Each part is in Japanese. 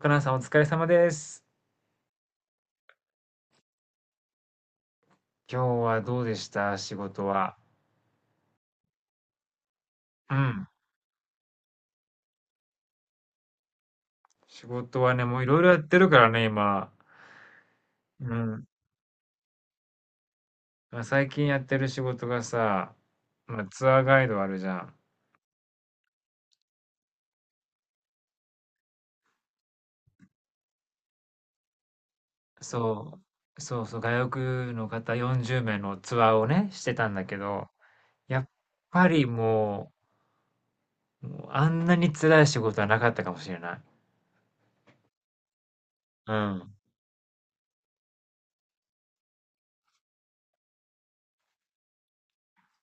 若菜さんお疲れ様です。今日はどうでした仕事は？うん。仕事はね、もういろいろやってるからね、今。うん。まあ、最近やってる仕事がさ、まあ、ツアーガイドあるじゃん。そう。そうそう。外国の方40名のツアーをね、してたんだけど、やっぱりもうあんなに辛い仕事はなかったかもしれない。うん。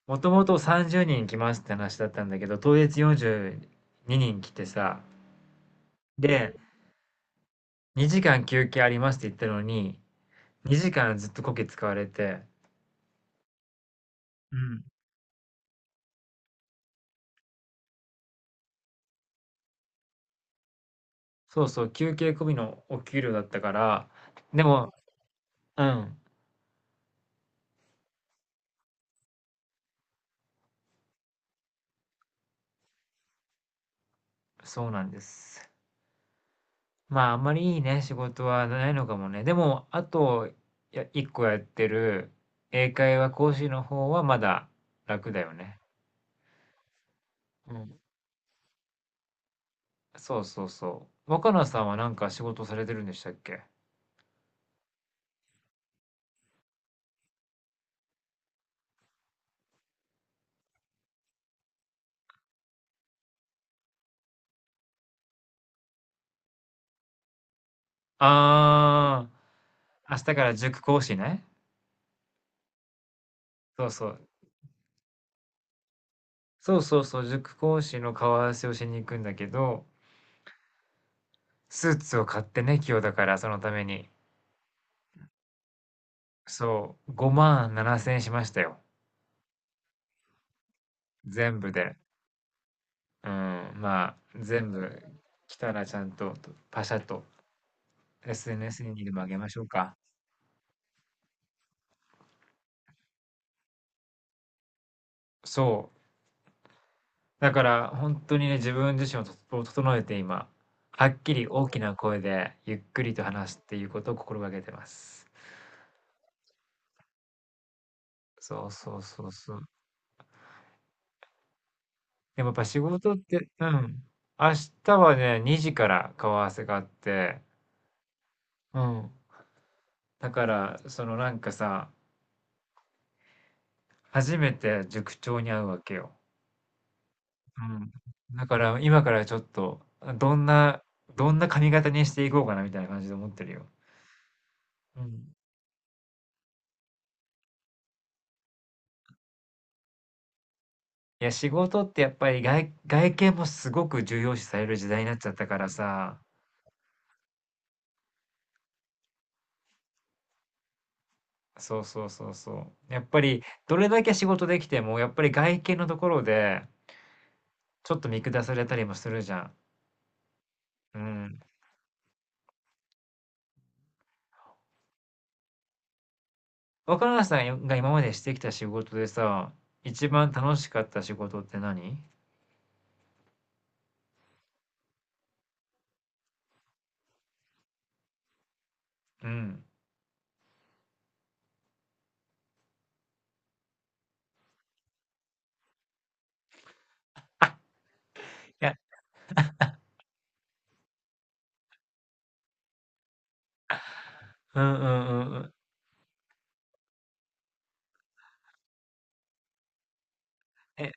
もともと30人来ますって話だったんだけど、当日42人来てさ、で、2時間休憩ありますって言ったのに、2時間ずっとこけ使われて、うん。そうそう、休憩込みのお給料だったから、でも、うん、そうなんです。まあ、あんまりいいね、仕事はないのかもね。でも、あと、1個やってる英会話講師の方はまだ楽だよね。うん。そうそうそう。若菜さんはなんか仕事されてるんでしたっけ？ああー、明日から塾講師ね。そうそう。そうそうそう、塾講師の顔合わせをしに行くんだけど、スーツを買ってね、今日だから、そのために。そう、5万7千円しましたよ。全部で。うん、まあ、全部来たらちゃんと、パシャと SNS にでもあげましょうか。そう。だから、本当にね、自分自身をとを整えて今、はっきり大きな声で、ゆっくりと話すっていうことを心がけてます。そうそうそうそう。でもやっぱ仕事って、うん。明日はね、2時から顔合わせがあって、うん。だから、そのなんかさ、初めて塾長に会うわけよ。うん。だから今からちょっと、どんな、どんな髪型にしていこうかなみたいな感じで思ってるよ。うん。いや、仕事ってやっぱり外見もすごく重要視される時代になっちゃったからさ、そうそうそうそう。やっぱり、どれだけ仕事できても、やっぱり外見のところで、ちょっと見下されたりもするじゃん。うん。若菜さんが今までしてきた仕事でさ、一番楽しかった仕事って何？うん。いや、うんうんうんうん。え、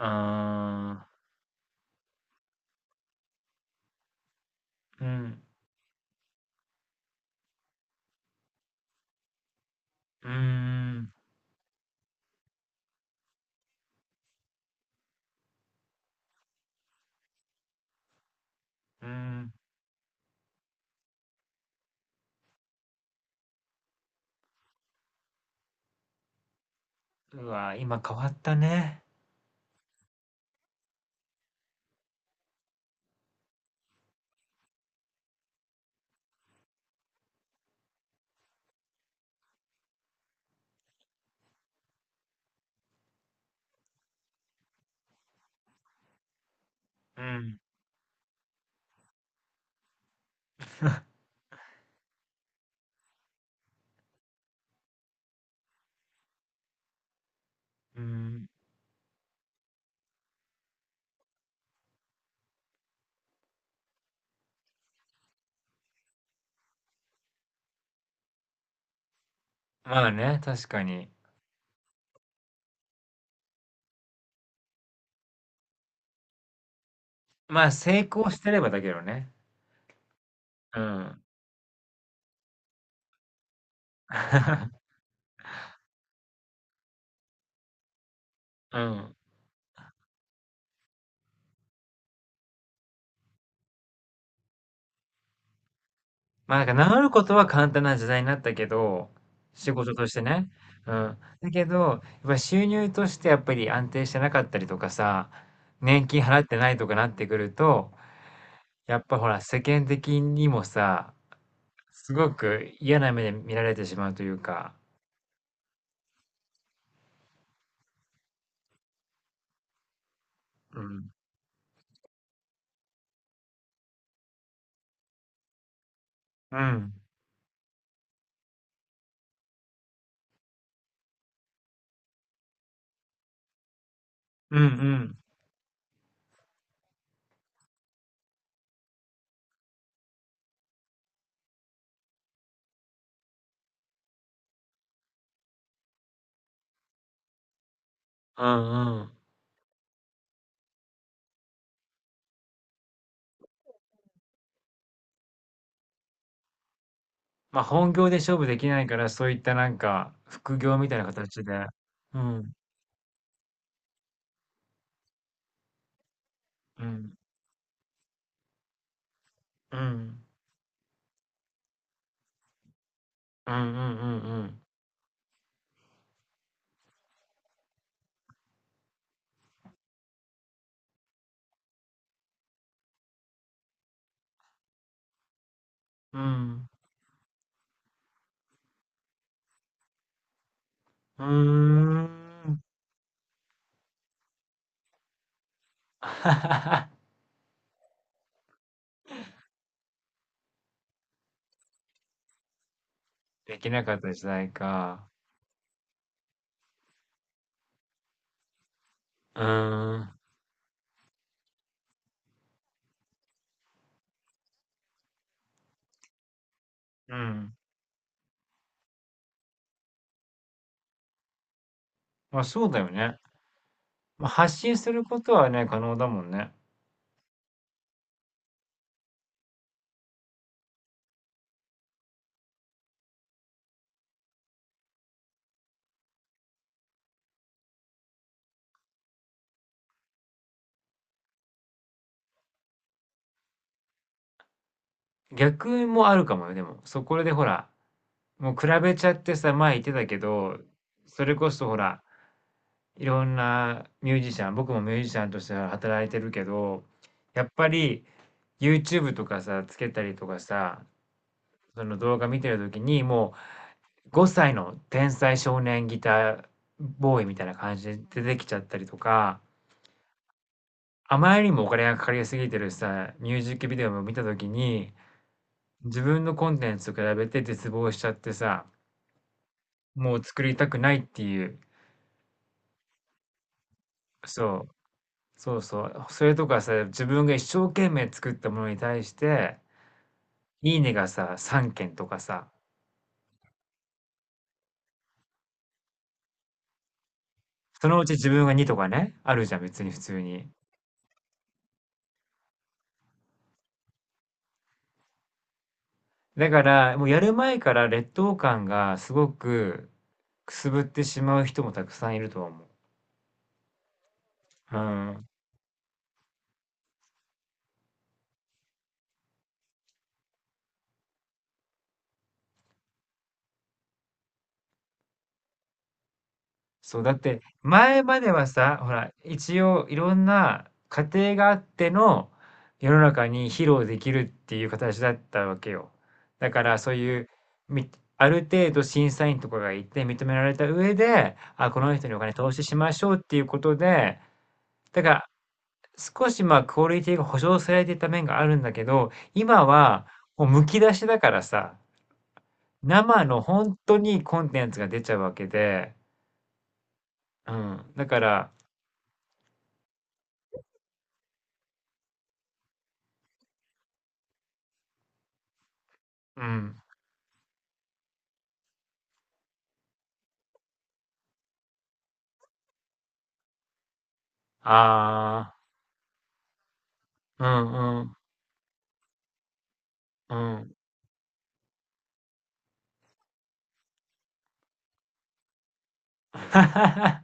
あー、うん、うーん、うん。うわ、今変わったね。うん、うん。まあね、確かに。まあ、成功してればだけどね。うん。うん。まあ、なんか治ることは簡単な時代になったけど、仕事としてね。うん。だけど、やっぱ収入としてやっぱり安定してなかったりとかさ、年金払ってないとかなってくると、やっぱほら、世間的にもさ、すごく嫌な目で見られてしまうというか、うん。うん。うんうん。うんうん。まあ、本業で勝負できないから、そういったなんか、副業みたいな形で。うん。うん。うん。うんうんうんうん。うん。うーん。できなかった時代か。うーん。うん。まあそうだよね。まあ、発信することはね、可能だもんね。逆もあるかもよ、でも。そこでほら、もう比べちゃってさ、前言ってたけど、それこそほら、いろんなミュージシャン、僕もミュージシャンとして働いてるけど、やっぱり YouTube とかさ、つけたりとかさ、その動画見てるときに、もう、5歳の天才少年ギターボーイみたいな感じで出てきちゃったりとか、あまりにもお金がかかりすぎてるさ、ミュージックビデオを見たときに、自分のコンテンツと比べて絶望しちゃってさ、もう作りたくないっていう、そう、そうそう、それとかさ、自分が一生懸命作ったものに対して、いいねがさ、3件とかさ、そのうち自分が2とかね、あるじゃん、別に普通に。だから、もうやる前から劣等感がすごくくすぶってしまう人もたくさんいるとは思う。うん。そう、だって前まではさ、ほら、一応いろんな過程があっての世の中に披露できるっていう形だったわけよ。だからそういう、みある程度審査員とかがいて認められた上で、あ、この人にお金投資しましょうっていうことで、だから少し、ま、クオリティが保証されていた面があるんだけど、今はもうむき出しだからさ、生の本当にコンテンツが出ちゃうわけで、うん、だから、うん、ああ、うんうん、うん。